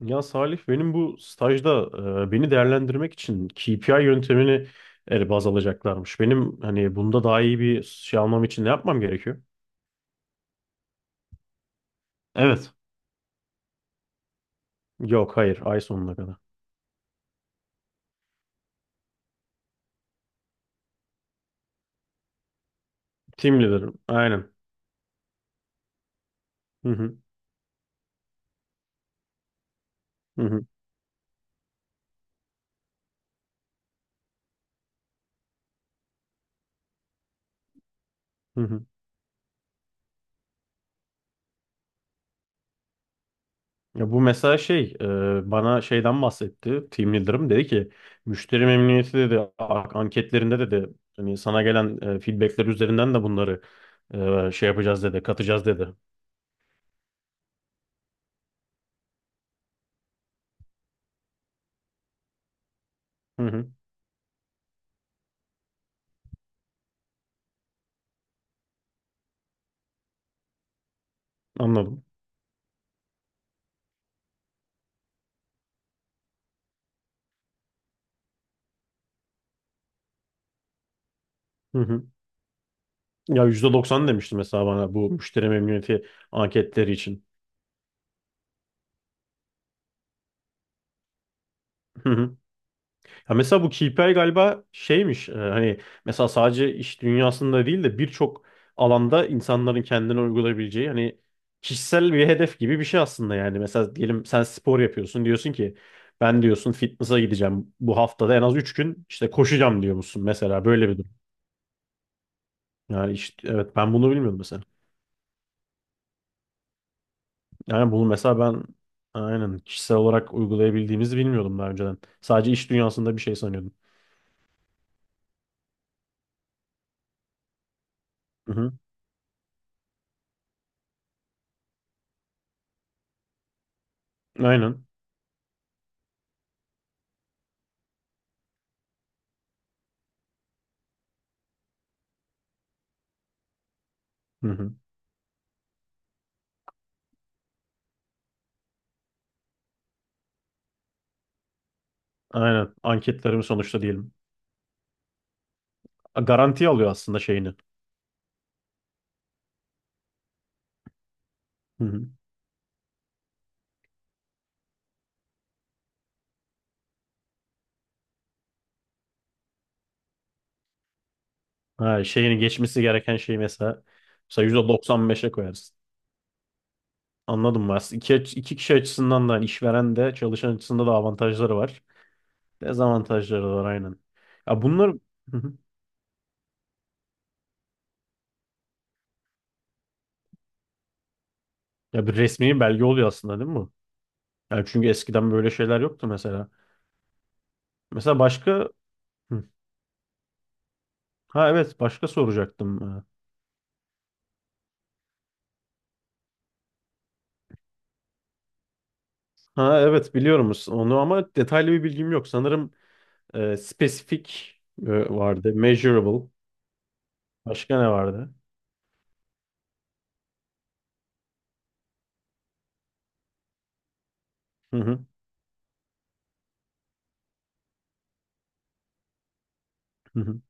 Ya Salih, benim bu stajda beni değerlendirmek için KPI yöntemini baz alacaklarmış. Benim hani bunda daha iyi bir şey almam için ne yapmam gerekiyor? Evet. Yok, hayır, ay sonuna kadar. Team leader'ım, aynen. Hı hı. Hı hı. Hı hı. Ya bu mesela şey bana şeyden bahsetti, team leader'ım dedi ki müşteri memnuniyeti dedi, anketlerinde dedi, hani sana gelen feedbackler üzerinden de bunları şey yapacağız dedi, katacağız dedi. Hı hı, anladım. Ya %90 demişti mesela bana bu müşteri memnuniyeti anketleri için. Hı hı. Ya mesela bu KPI galiba şeymiş, hani mesela sadece iş dünyasında değil de birçok alanda insanların kendine uygulayabileceği hani kişisel bir hedef gibi bir şey aslında yani. Mesela diyelim sen spor yapıyorsun, diyorsun ki ben diyorsun fitness'a gideceğim, bu haftada en az 3 gün işte koşacağım diyor musun mesela, böyle bir durum. Yani işte, evet, ben bunu bilmiyorum mesela. Yani bunu mesela ben aynen kişisel olarak uygulayabildiğimizi bilmiyordum daha önceden. Sadece iş dünyasında bir şey sanıyordum. Hı hı. Aynen. Hı hı. Aynen. Anketlerimi sonuçta diyelim. Garanti alıyor aslında şeyini. Hı hı. Ha, şeyini geçmesi gereken şeyi mesela %95'e koyarsın. Anladım mı? Aslında iki kişi açısından da hani işveren de çalışan açısından da avantajları var. Dezavantajları da var, aynen. Ya bunlar. Hı hı. Ya bir resmi belge oluyor aslında, değil mi bu? Yani çünkü eskiden böyle şeyler yoktu mesela. Mesela başka. Hı. Ha, evet, başka soracaktım. Ha, evet, biliyoruz onu ama detaylı bir bilgim yok. Sanırım spesifik vardı. Measurable. Başka ne vardı? Hı hı. Hı hı.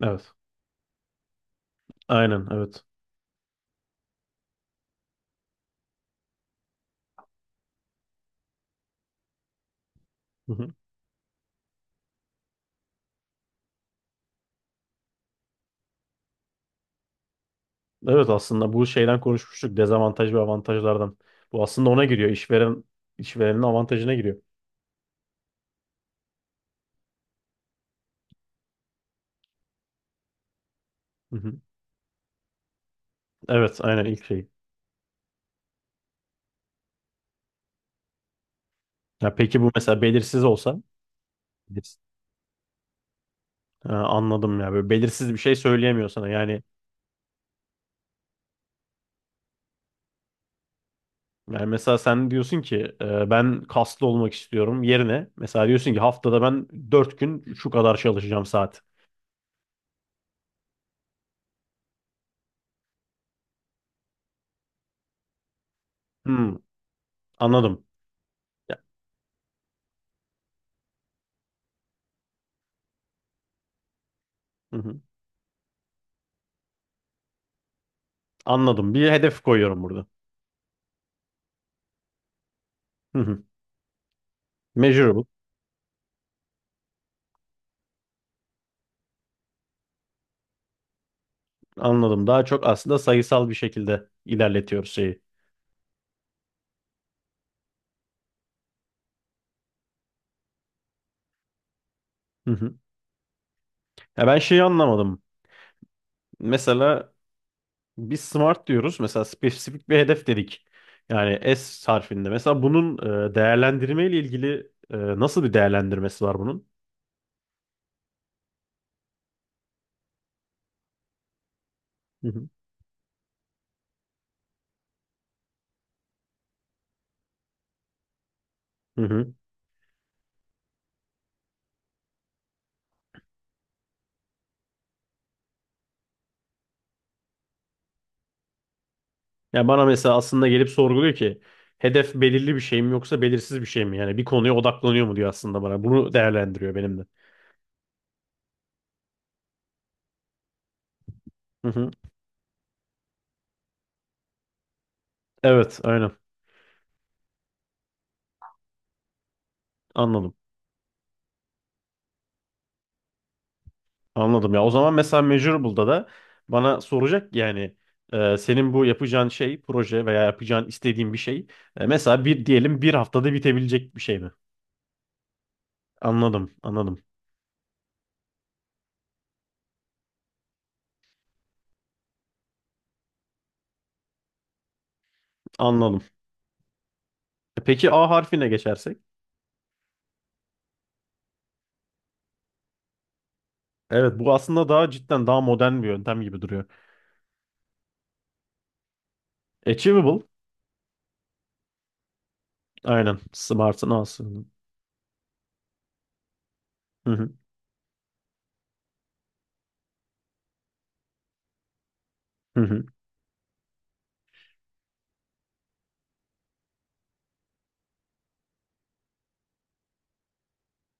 Evet. Aynen, evet. Hı hı. Evet, aslında bu şeyden konuşmuştuk. Dezavantaj ve avantajlardan. Bu aslında ona giriyor. İşveren işverenin avantajına giriyor. Hı hı. Evet, aynen, ilk şey. Ya peki bu mesela belirsiz olsa. Belirsiz. Ha, anladım ya. Böyle belirsiz bir şey söyleyemiyor sana. Yani mesela sen diyorsun ki ben kaslı olmak istiyorum yerine mesela diyorsun ki haftada ben 4 gün şu kadar çalışacağım saat. Hmm. Anladım. Hı hı. Anladım. Bir hedef koyuyorum burada. Hı hı. Measurable. Anladım. Daha çok aslında sayısal bir şekilde ilerletiyoruz şeyi. Hı hı. Ya ben şeyi anlamadım. Mesela biz smart diyoruz. Mesela spesifik bir hedef dedik. Yani S harfinde. Mesela bunun değerlendirme ile ilgili nasıl bir değerlendirmesi var bunun? Hı hı. Hı hı. Yani bana mesela aslında gelip sorguluyor ki hedef belirli bir şey mi yoksa belirsiz bir şey mi? Yani bir konuya odaklanıyor mu diyor aslında bana. Bunu değerlendiriyor benimle. Hı hı. Evet, aynen. Anladım. Anladım ya. O zaman mesela Measurable'da da bana soracak ki yani senin bu yapacağın şey, proje veya yapacağın istediğin bir şey mesela bir diyelim bir haftada bitebilecek bir şey mi? Anladım, anladım, anladım. Peki A harfine geçersek? Evet, bu aslında daha cidden daha modern bir yöntem gibi duruyor. Achievable, aynen. Smart'ın A'sı. Hı hı. Hı hı.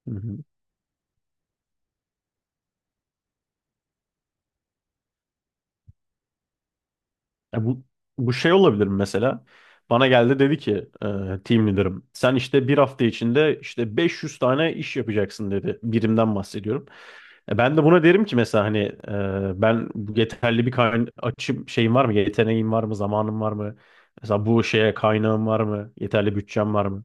Hı hı. Ya bu şey olabilir mi mesela? Bana geldi dedi ki team leader'ım sen işte bir hafta içinde işte 500 tane iş yapacaksın dedi. Birimden bahsediyorum. Ben de buna derim ki mesela hani ben bu yeterli bir kayna açım şeyim var mı? Yeteneğim var mı? Zamanım var mı? Mesela bu şeye kaynağım var mı? Yeterli bütçem var mı?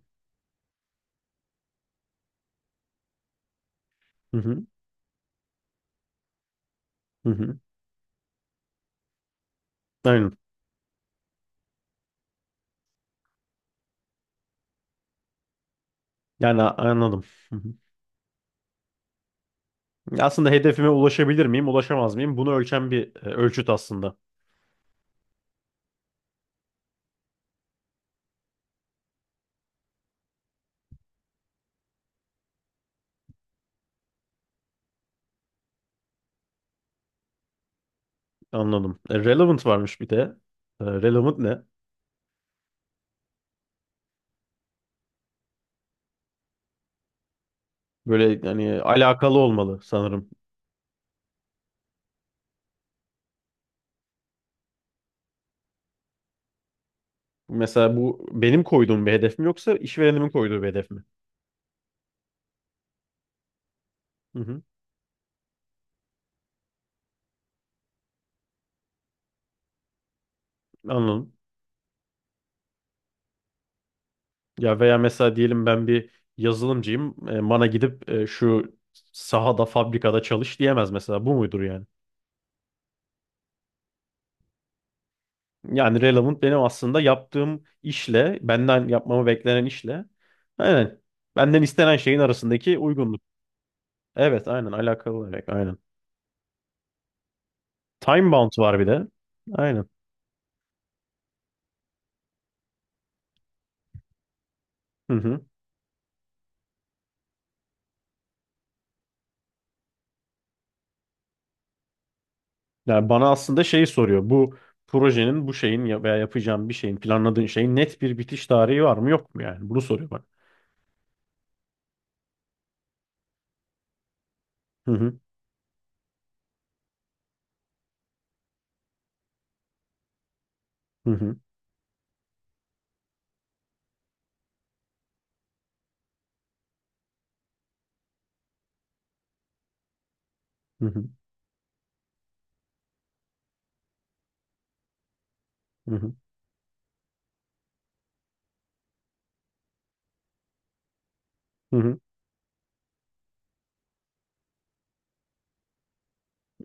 Hı hı. Hı hı. Aynen. Yani anladım. Hı hı. Aslında hedefime ulaşabilir miyim, ulaşamaz mıyım? Bunu ölçen bir ölçüt aslında. Anladım. Relevant varmış bir de. Relevant ne? Böyle yani alakalı olmalı sanırım. Mesela bu benim koyduğum bir hedef mi yoksa işverenimin koyduğu bir hedef mi? Hı hı, anladım. Ya veya mesela diyelim ben bir yazılımcıyım. Bana gidip şu sahada, fabrikada çalış diyemez mesela. Bu muydur yani? Yani relevant benim aslında yaptığım işle, benden yapmamı beklenen işle. Aynen. Benden istenen şeyin arasındaki uygunluk. Evet, aynen alakalı olarak. Aynen. Time bound var bir de. Aynen. Hı hı. Yani bana aslında şeyi soruyor. Bu projenin, bu şeyin veya yapacağım bir şeyin, planladığın şeyin net bir bitiş tarihi var mı yok mu yani? Bunu soruyor bana. Hı hı. Hı hı. Hı hı. Hı hı. Hı hı.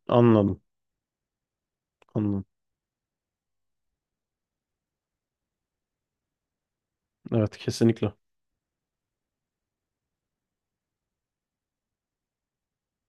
Anladım. Anladım. Evet, kesinlikle.